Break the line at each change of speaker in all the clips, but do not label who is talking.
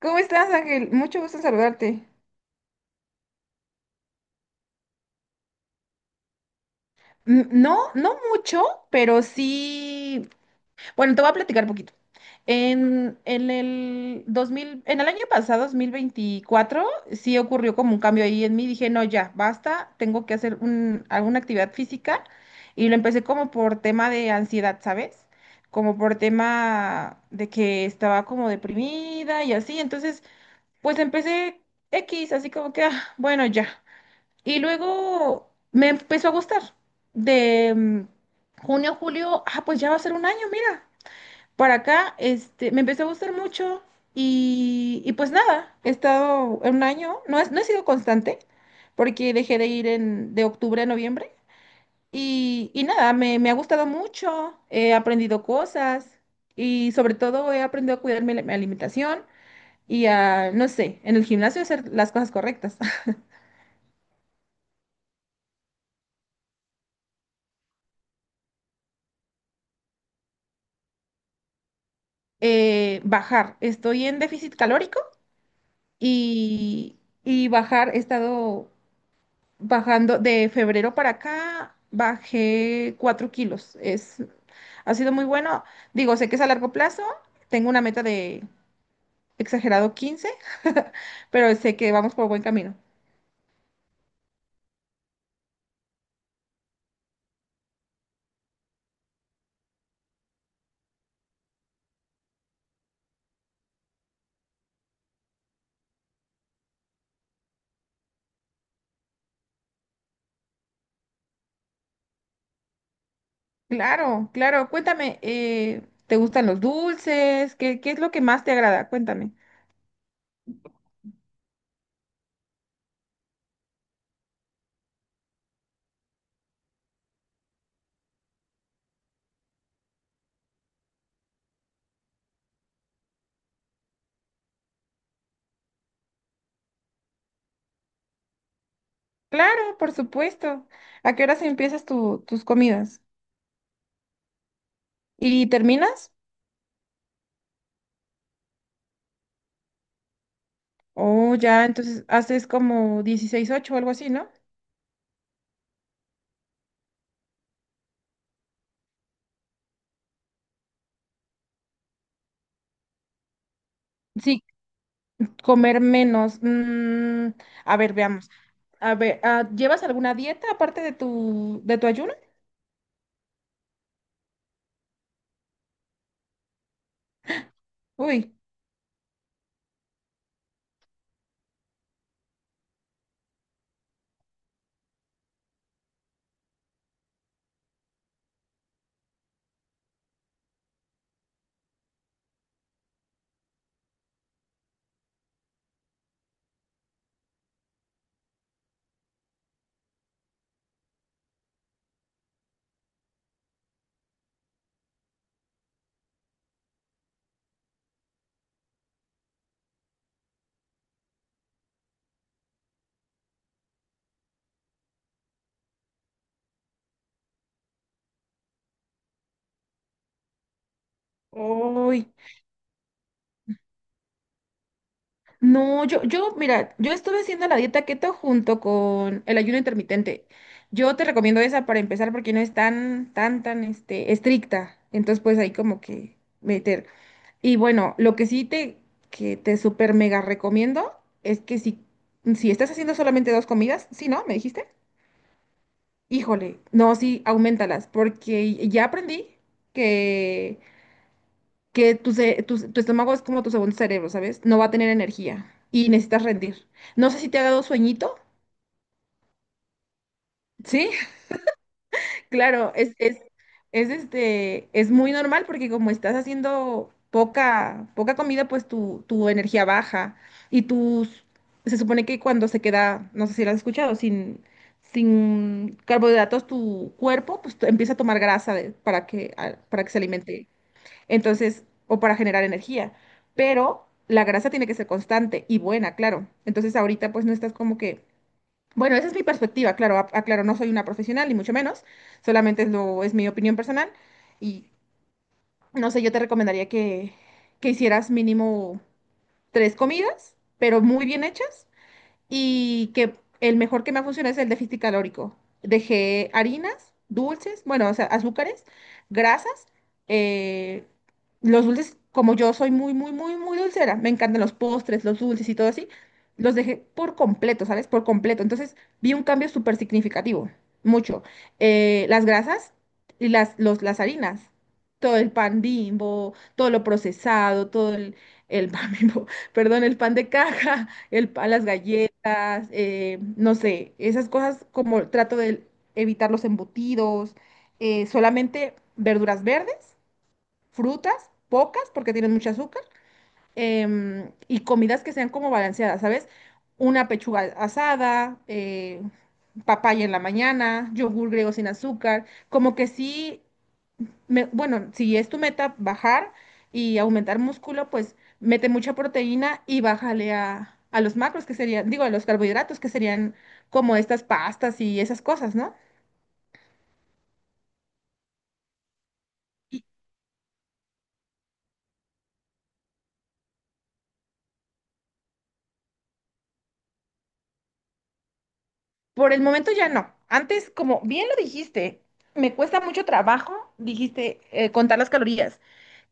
¿Cómo estás, Ángel? Mucho gusto en saludarte. Mm, no, no mucho, pero sí. Bueno, te voy a platicar un poquito. En el 2000, en el año pasado, 2024, sí ocurrió como un cambio ahí en mí. Dije, no, ya, basta, tengo que hacer alguna actividad física. Y lo empecé como por tema de ansiedad, ¿sabes? Como por tema de que estaba como deprimida y así. Entonces, pues empecé X, así como que, ah, bueno, ya. Y luego me empezó a gustar. De junio, julio, ah, pues ya va a ser un año, mira. Para acá, este, me empezó a gustar mucho y pues nada, he estado un año, no, no he sido constante porque dejé de ir de octubre a noviembre y nada, me ha gustado mucho, he aprendido cosas y sobre todo he aprendido a cuidar mi alimentación y a, no sé, en el gimnasio hacer las cosas correctas. Bajar. Estoy en déficit calórico y bajar, he estado bajando de febrero para acá, bajé 4 kilos. Es, ha sido muy bueno. Digo, sé que es a largo plazo, tengo una meta de exagerado 15. Pero sé que vamos por buen camino. Claro, claro, cuéntame, ¿te gustan los dulces? ¿Qué es lo que más te agrada? Cuéntame. Claro, por supuesto. ¿A qué horas empiezas tus comidas? ¿Y terminas? Oh, ya, entonces haces como 16/8 o algo así, ¿no? Sí, comer menos. A ver, veamos. A ver, ah, ¿llevas alguna dieta aparte de tu ayuno? Uy, uy. No, yo, mira, yo estuve haciendo la dieta keto junto con el ayuno intermitente. Yo te recomiendo esa para empezar porque no es tan estricta. Entonces, pues ahí como que meter. Y bueno, lo que sí te, que te súper mega recomiendo es que si estás haciendo solamente dos comidas, sí, ¿no? ¿Me dijiste? Híjole, no, sí, aumentalas, porque ya aprendí que, que tu estómago es como tu segundo cerebro, ¿sabes? No va a tener energía y necesitas rendir. No sé si te ha dado sueñito, ¿sí? Claro, es muy normal porque como estás haciendo poca comida, pues tu energía baja y se supone que cuando se queda, no sé si lo has escuchado, sin carbohidratos tu cuerpo, pues empieza a tomar grasa para que se alimente. Entonces, o para generar energía, pero la grasa tiene que ser constante y buena, claro. Entonces ahorita pues no estás como que bueno, esa es mi perspectiva, claro, aclaro, no soy una profesional, ni mucho menos, solamente es mi opinión personal y no sé, yo te recomendaría que hicieras mínimo tres comidas, pero muy bien hechas y que el mejor que me ha funcionado es el déficit calórico. Dejé harinas, dulces, bueno, o sea, azúcares, grasas, eh, los dulces, como yo soy muy, muy, muy, muy dulcera, me encantan los postres, los dulces y todo así, los dejé por completo, ¿sabes? Por completo. Entonces vi un cambio súper significativo, mucho. Las grasas y las harinas, todo el pan Bimbo, todo lo procesado, todo el pan Bimbo, perdón, el pan de caja, el pan, las galletas no sé, esas cosas como trato de evitar los embutidos, solamente verduras verdes, frutas, pocas porque tienen mucho azúcar, y comidas que sean como balanceadas, ¿sabes? Una pechuga asada, papaya en la mañana, yogur griego sin azúcar, como que sí bueno, si es tu meta bajar y aumentar músculo, pues mete mucha proteína y bájale a los macros, que serían, digo, a los carbohidratos, que serían como estas pastas y esas cosas, ¿no? Y por el momento ya no. Antes, como bien lo dijiste, me cuesta mucho trabajo, dijiste, contar las calorías.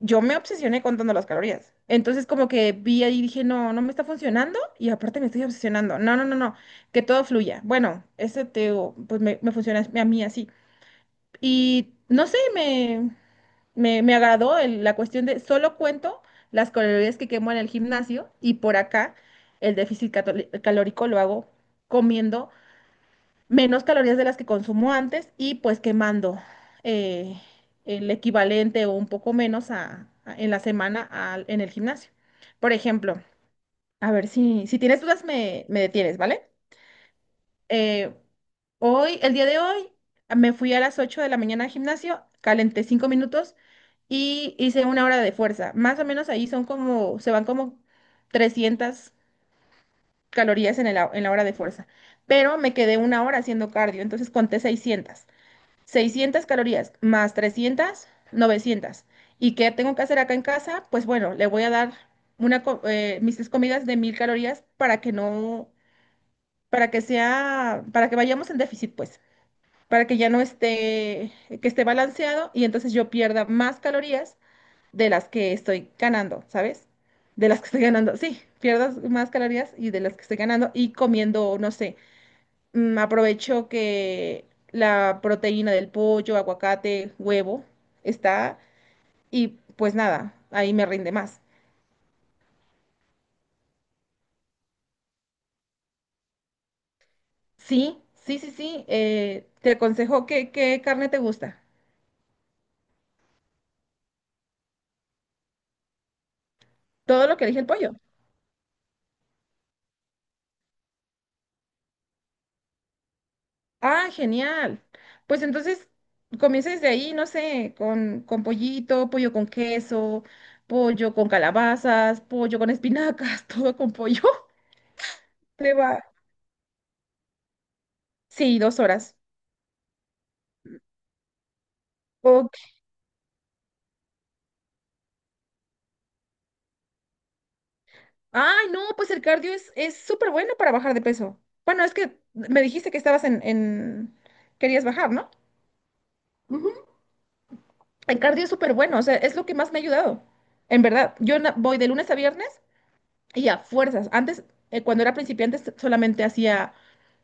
Yo me obsesioné contando las calorías. Entonces, como que vi ahí y dije, no, no me está funcionando y aparte me estoy obsesionando. No, no, no, no, que todo fluya. Bueno, ese te, digo, pues me funciona a mí así. Y no sé, me agradó la cuestión de solo cuento las calorías que quemo en el gimnasio y por acá el déficit calórico lo hago comiendo menos calorías de las que consumo antes y pues quemando eh, el equivalente o un poco menos en la semana en el gimnasio. Por ejemplo, a ver si tienes dudas me detienes, ¿vale? Eh, Hoy, el día de hoy, me fui a las 8 de la mañana al gimnasio, calenté 5 minutos y hice una hora de fuerza. Más o menos ahí son como, se van como 300 calorías en la hora de fuerza. Pero me quedé una hora haciendo cardio, entonces conté seiscientas calorías más 300 900. ¿Y qué tengo que hacer acá en casa? Pues bueno, le voy a dar mis tres comidas de 1,000 calorías para que no, para que sea, para que vayamos en déficit, pues para que ya no esté, que esté balanceado y entonces yo pierda más calorías de las que estoy ganando, ¿sabes? De las que estoy ganando, sí, pierdas más calorías y de las que estoy ganando y comiendo, no sé, aprovecho que la proteína del pollo, aguacate, huevo está y pues nada, ahí me rinde más. Sí, sí, sí, sí, te aconsejo que, qué carne te gusta. Todo lo que elige el pollo. Ah, genial. Pues entonces comienza desde ahí, no sé, con pollito, pollo con queso, pollo con calabazas, pollo con espinacas, todo con pollo. Te va. Sí, 2 horas. Ok. Ay, no, pues el cardio es súper bueno para bajar de peso. Bueno, es que me dijiste que querías bajar, ¿no? Ujú. El cardio es súper bueno, o sea, es lo que más me ha ayudado. En verdad, yo voy de lunes a viernes y a fuerzas. Antes, cuando era principiante, solamente hacía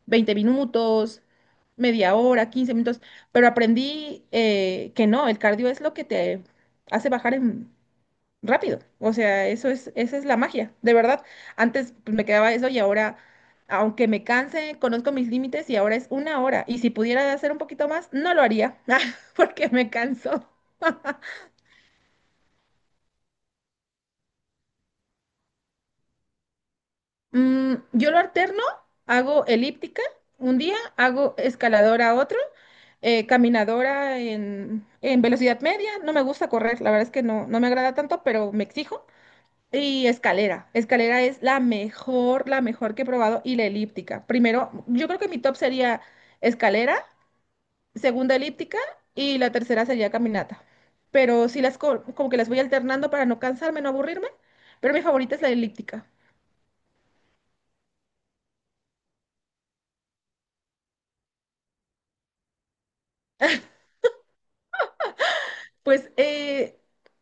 20 minutos, media hora, 15 minutos, pero aprendí que no, el cardio es lo que te hace bajar rápido. O sea, eso es, esa es la magia, de verdad. Antes pues, me quedaba eso y ahora, aunque me canse, conozco mis límites y ahora es una hora. Y si pudiera hacer un poquito más, no lo haría, porque me canso. Yo lo alterno, hago elíptica un día, hago escaladora otro, caminadora en velocidad media. No me gusta correr, la verdad es que no, no me agrada tanto, pero me exijo. Y escalera. Escalera es la mejor que he probado y la elíptica. Primero, yo creo que mi top sería escalera, segunda elíptica y la tercera sería caminata. Pero sí como que las voy alternando para no cansarme, no aburrirme, pero mi favorita es la elíptica. Pues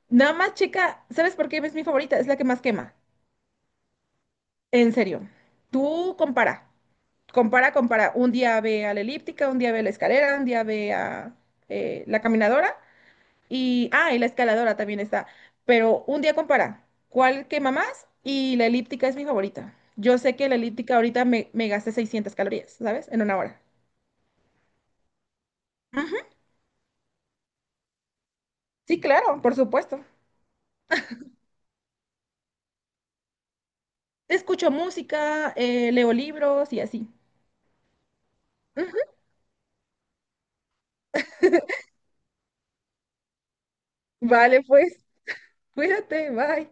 nada más, chica, ¿sabes por qué es mi favorita? Es la que más quema. En serio. Tú compara, compara, compara. Un día ve a la elíptica, un día ve a la escalera, un día ve a la caminadora y, ah, y la escaladora también está. Pero un día compara cuál quema más y la elíptica es mi favorita. Yo sé que la elíptica ahorita me gasté 600 calorías, ¿sabes? En una hora. Ujú. Sí, claro, por supuesto. Escucho música, leo libros y así. Ujú. Vale, pues. Cuídate, bye.